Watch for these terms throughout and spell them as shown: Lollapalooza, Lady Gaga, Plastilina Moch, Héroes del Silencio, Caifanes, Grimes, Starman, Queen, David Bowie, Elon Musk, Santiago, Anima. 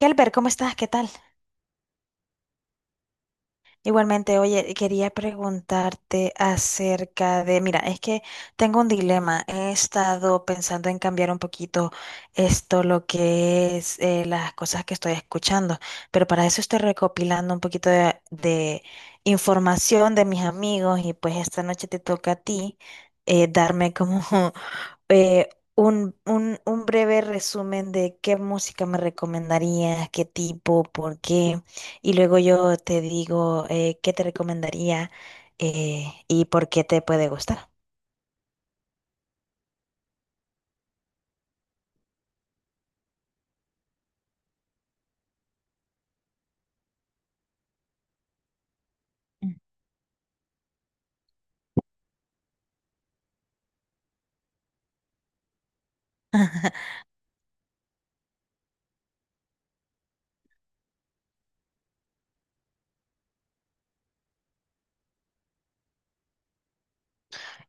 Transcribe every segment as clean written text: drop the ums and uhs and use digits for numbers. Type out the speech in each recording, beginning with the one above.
¿Qué? Albert, ¿cómo estás? ¿Qué tal? Igualmente. Oye, quería preguntarte acerca de, mira, es que tengo un dilema. He estado pensando en cambiar un poquito esto, lo que es las cosas que estoy escuchando, pero para eso estoy recopilando un poquito de información de mis amigos y pues esta noche te toca a ti, darme como eh, un breve resumen de qué música me recomendarías, qué tipo, por qué. Y luego yo te digo, qué te recomendaría, y por qué te puede gustar. Mm.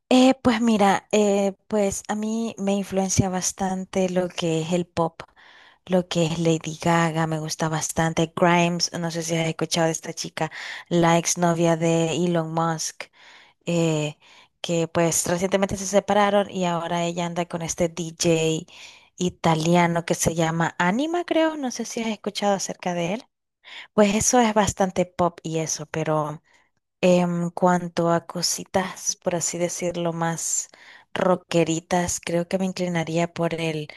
Pues mira, pues a mí me influencia bastante lo que es el pop, lo que es Lady Gaga, me gusta bastante. Grimes, no sé si has escuchado de esta chica, la exnovia de Elon Musk, eh, que pues recientemente se separaron y ahora ella anda con este DJ italiano que se llama Anima, creo, no sé si has escuchado acerca de él. Pues eso es bastante pop y eso, pero en cuanto a cositas, por así decirlo, más rockeritas, creo que me inclinaría por el,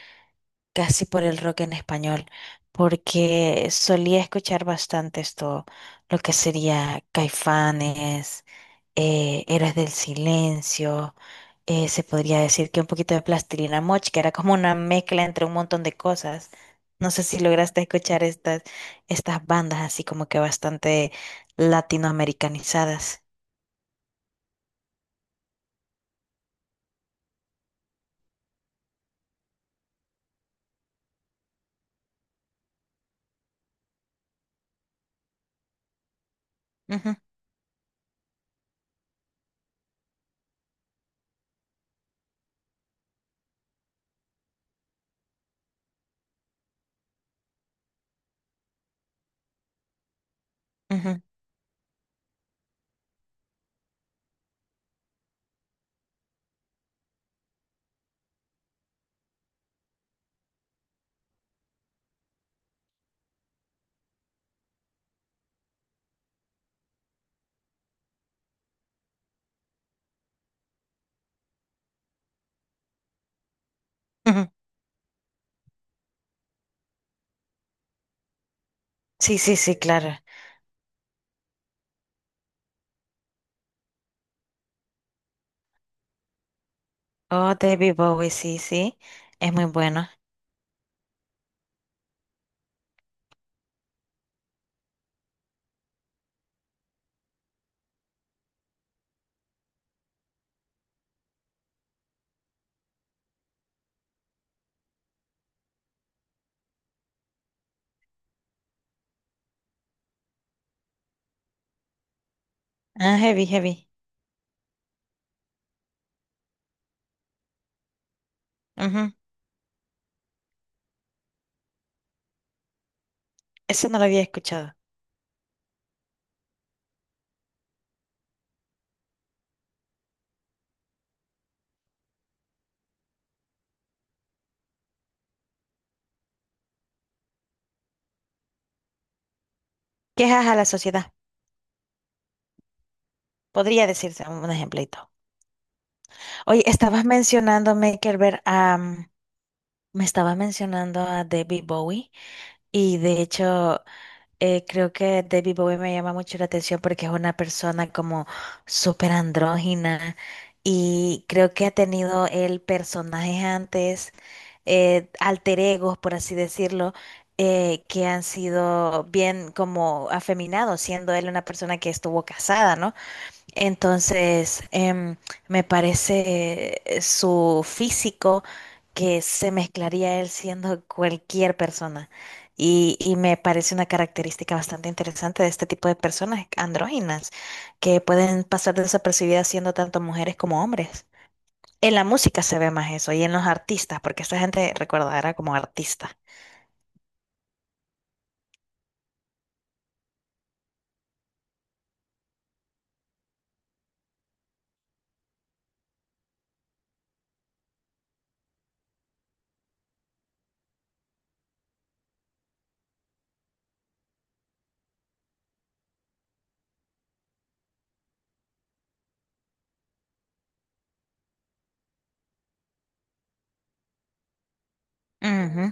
casi por el rock en español, porque solía escuchar bastante esto, lo que sería Caifanes, Héroes del Silencio, se podría decir que un poquito de Plastilina Moch, que era como una mezcla entre un montón de cosas. No sé si lograste escuchar estas bandas así como que bastante latinoamericanizadas. Ujú, ujú, ujú. Sí, sí, sí, claro. Oh, David Bowie, sí, sí. Es muy bueno. Ah, heavy, heavy. Ujú. Eso no lo había escuchado. Quejas a la sociedad. Podría decirse un ejemplito. Oye, estabas mencionando, Maker, ver. Me estaba mencionando a David Bowie y de hecho, creo que David Bowie me llama mucho la atención porque es una persona como súper andrógina y creo que ha tenido el personajes antes, alter egos por así decirlo, que han sido bien como afeminados, siendo él una persona que estuvo casada, ¿no? Entonces, me parece, su físico que se mezclaría él siendo cualquier persona. Y me parece una característica bastante interesante de este tipo de personas andróginas, que pueden pasar desapercibidas siendo tanto mujeres como hombres. En la música se ve más eso y en los artistas, porque esta gente, recuerda, era como artista. Ujú.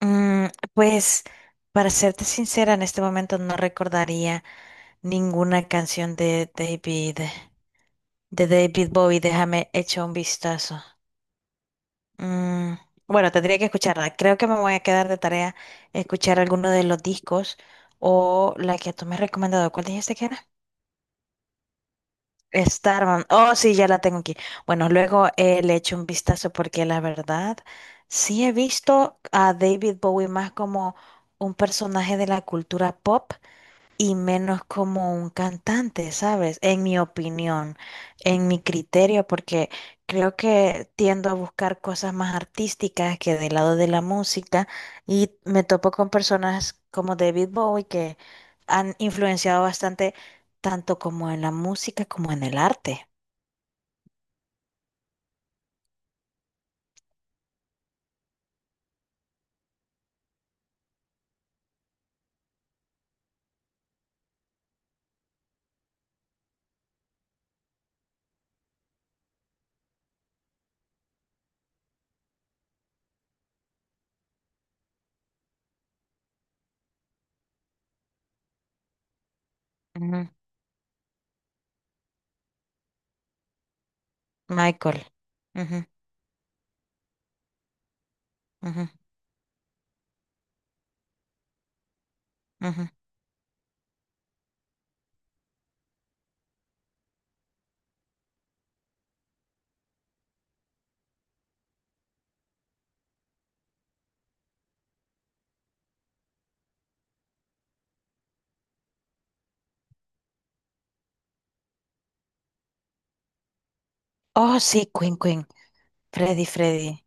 Mm, pues, para serte sincera, en este momento no recordaría ninguna canción de de David Bowie. Déjame echar un vistazo. Mm, bueno, tendría que escucharla. Creo que me voy a quedar de tarea escuchar alguno de los discos o la que tú me has recomendado. ¿Cuál dijiste que era? Starman. Oh, sí, ya la tengo aquí. Bueno, luego le echo un vistazo porque la verdad sí he visto a David Bowie más como un personaje de la cultura pop y menos como un cantante, ¿sabes? En mi opinión, en mi criterio, porque creo que tiendo a buscar cosas más artísticas que del lado de la música y me topo con personas como David Bowie que han influenciado bastante tanto como en la música como en el arte. Ujú. Michael. Ujú, ujú, ujú. Oh, sí, Queen, Queen. Freddy, Freddy.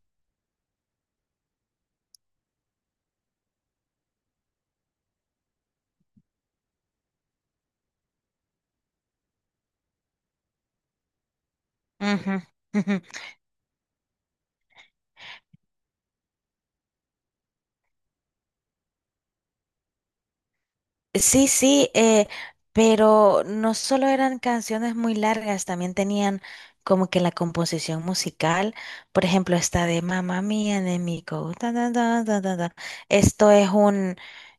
Ujú, ujú. Sí, sí, pero no solo eran canciones muy largas, también tenían como que la composición musical, por ejemplo, esta de Mamma Mía de Mico, ta, ta, ta, ta, ta, ta. Esto es un,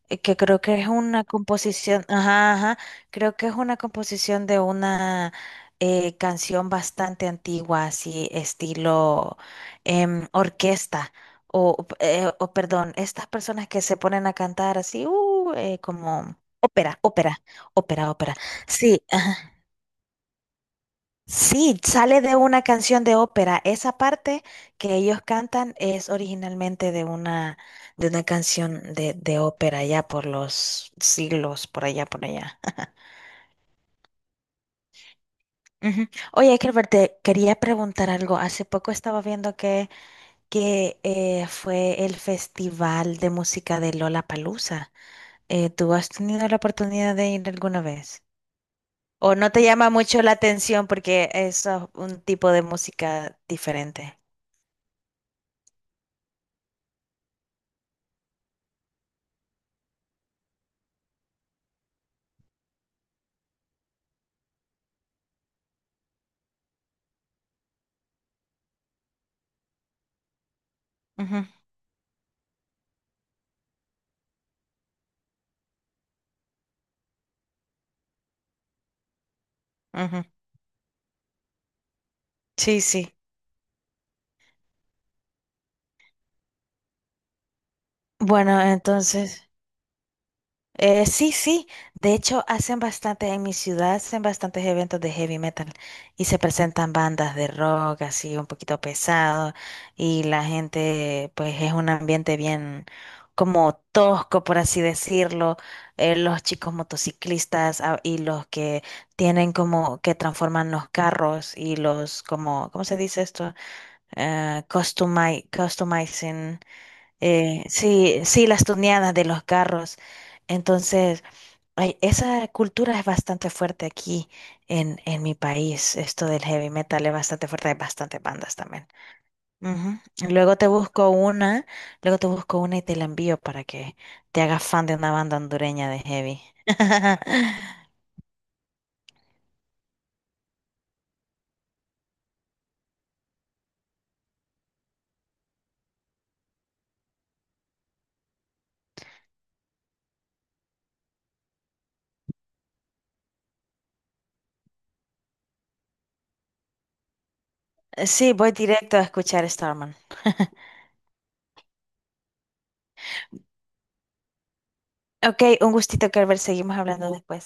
que creo que es una composición, ajá, ajá, creo que es una composición de una, canción bastante antigua, así estilo, orquesta. O perdón, estas personas que se ponen a cantar así, como ópera, ópera, ópera, ópera. Sí, ajá. Sí, sale de una canción de ópera. Esa parte que ellos cantan es originalmente de de una canción de ópera ya por los siglos, por allá, por allá. Ujú. Oye, Herbert, te quería preguntar algo. Hace poco estaba viendo que fue el Festival de Música de Lollapalooza. ¿Tú has tenido la oportunidad de ir alguna vez? ¿O no te llama mucho la atención porque es, ah, un tipo de música diferente? Ujú, ujú. Sí, sí. Bueno, entonces... Sí, sí. De hecho, hacen bastante, en mi ciudad hacen bastantes eventos de heavy metal y se presentan bandas de rock así un poquito pesado y la gente, pues es un ambiente bien como tosco, por así decirlo. Los chicos motociclistas, ah, y los que tienen como que transforman los carros y los como, ¿cómo se dice esto? Customizing. Sí, sí, las tuneadas de los carros. Entonces, ay, esa cultura es bastante fuerte aquí en mi país. Esto del heavy metal es bastante fuerte. Hay bastantes bandas también. Ujú. Luego te busco luego te busco una y te la envío para que te hagas fan de una banda hondureña de heavy. Sí, voy directo a escuchar Starman. Ok, un gustito, Kerber. Seguimos hablando después.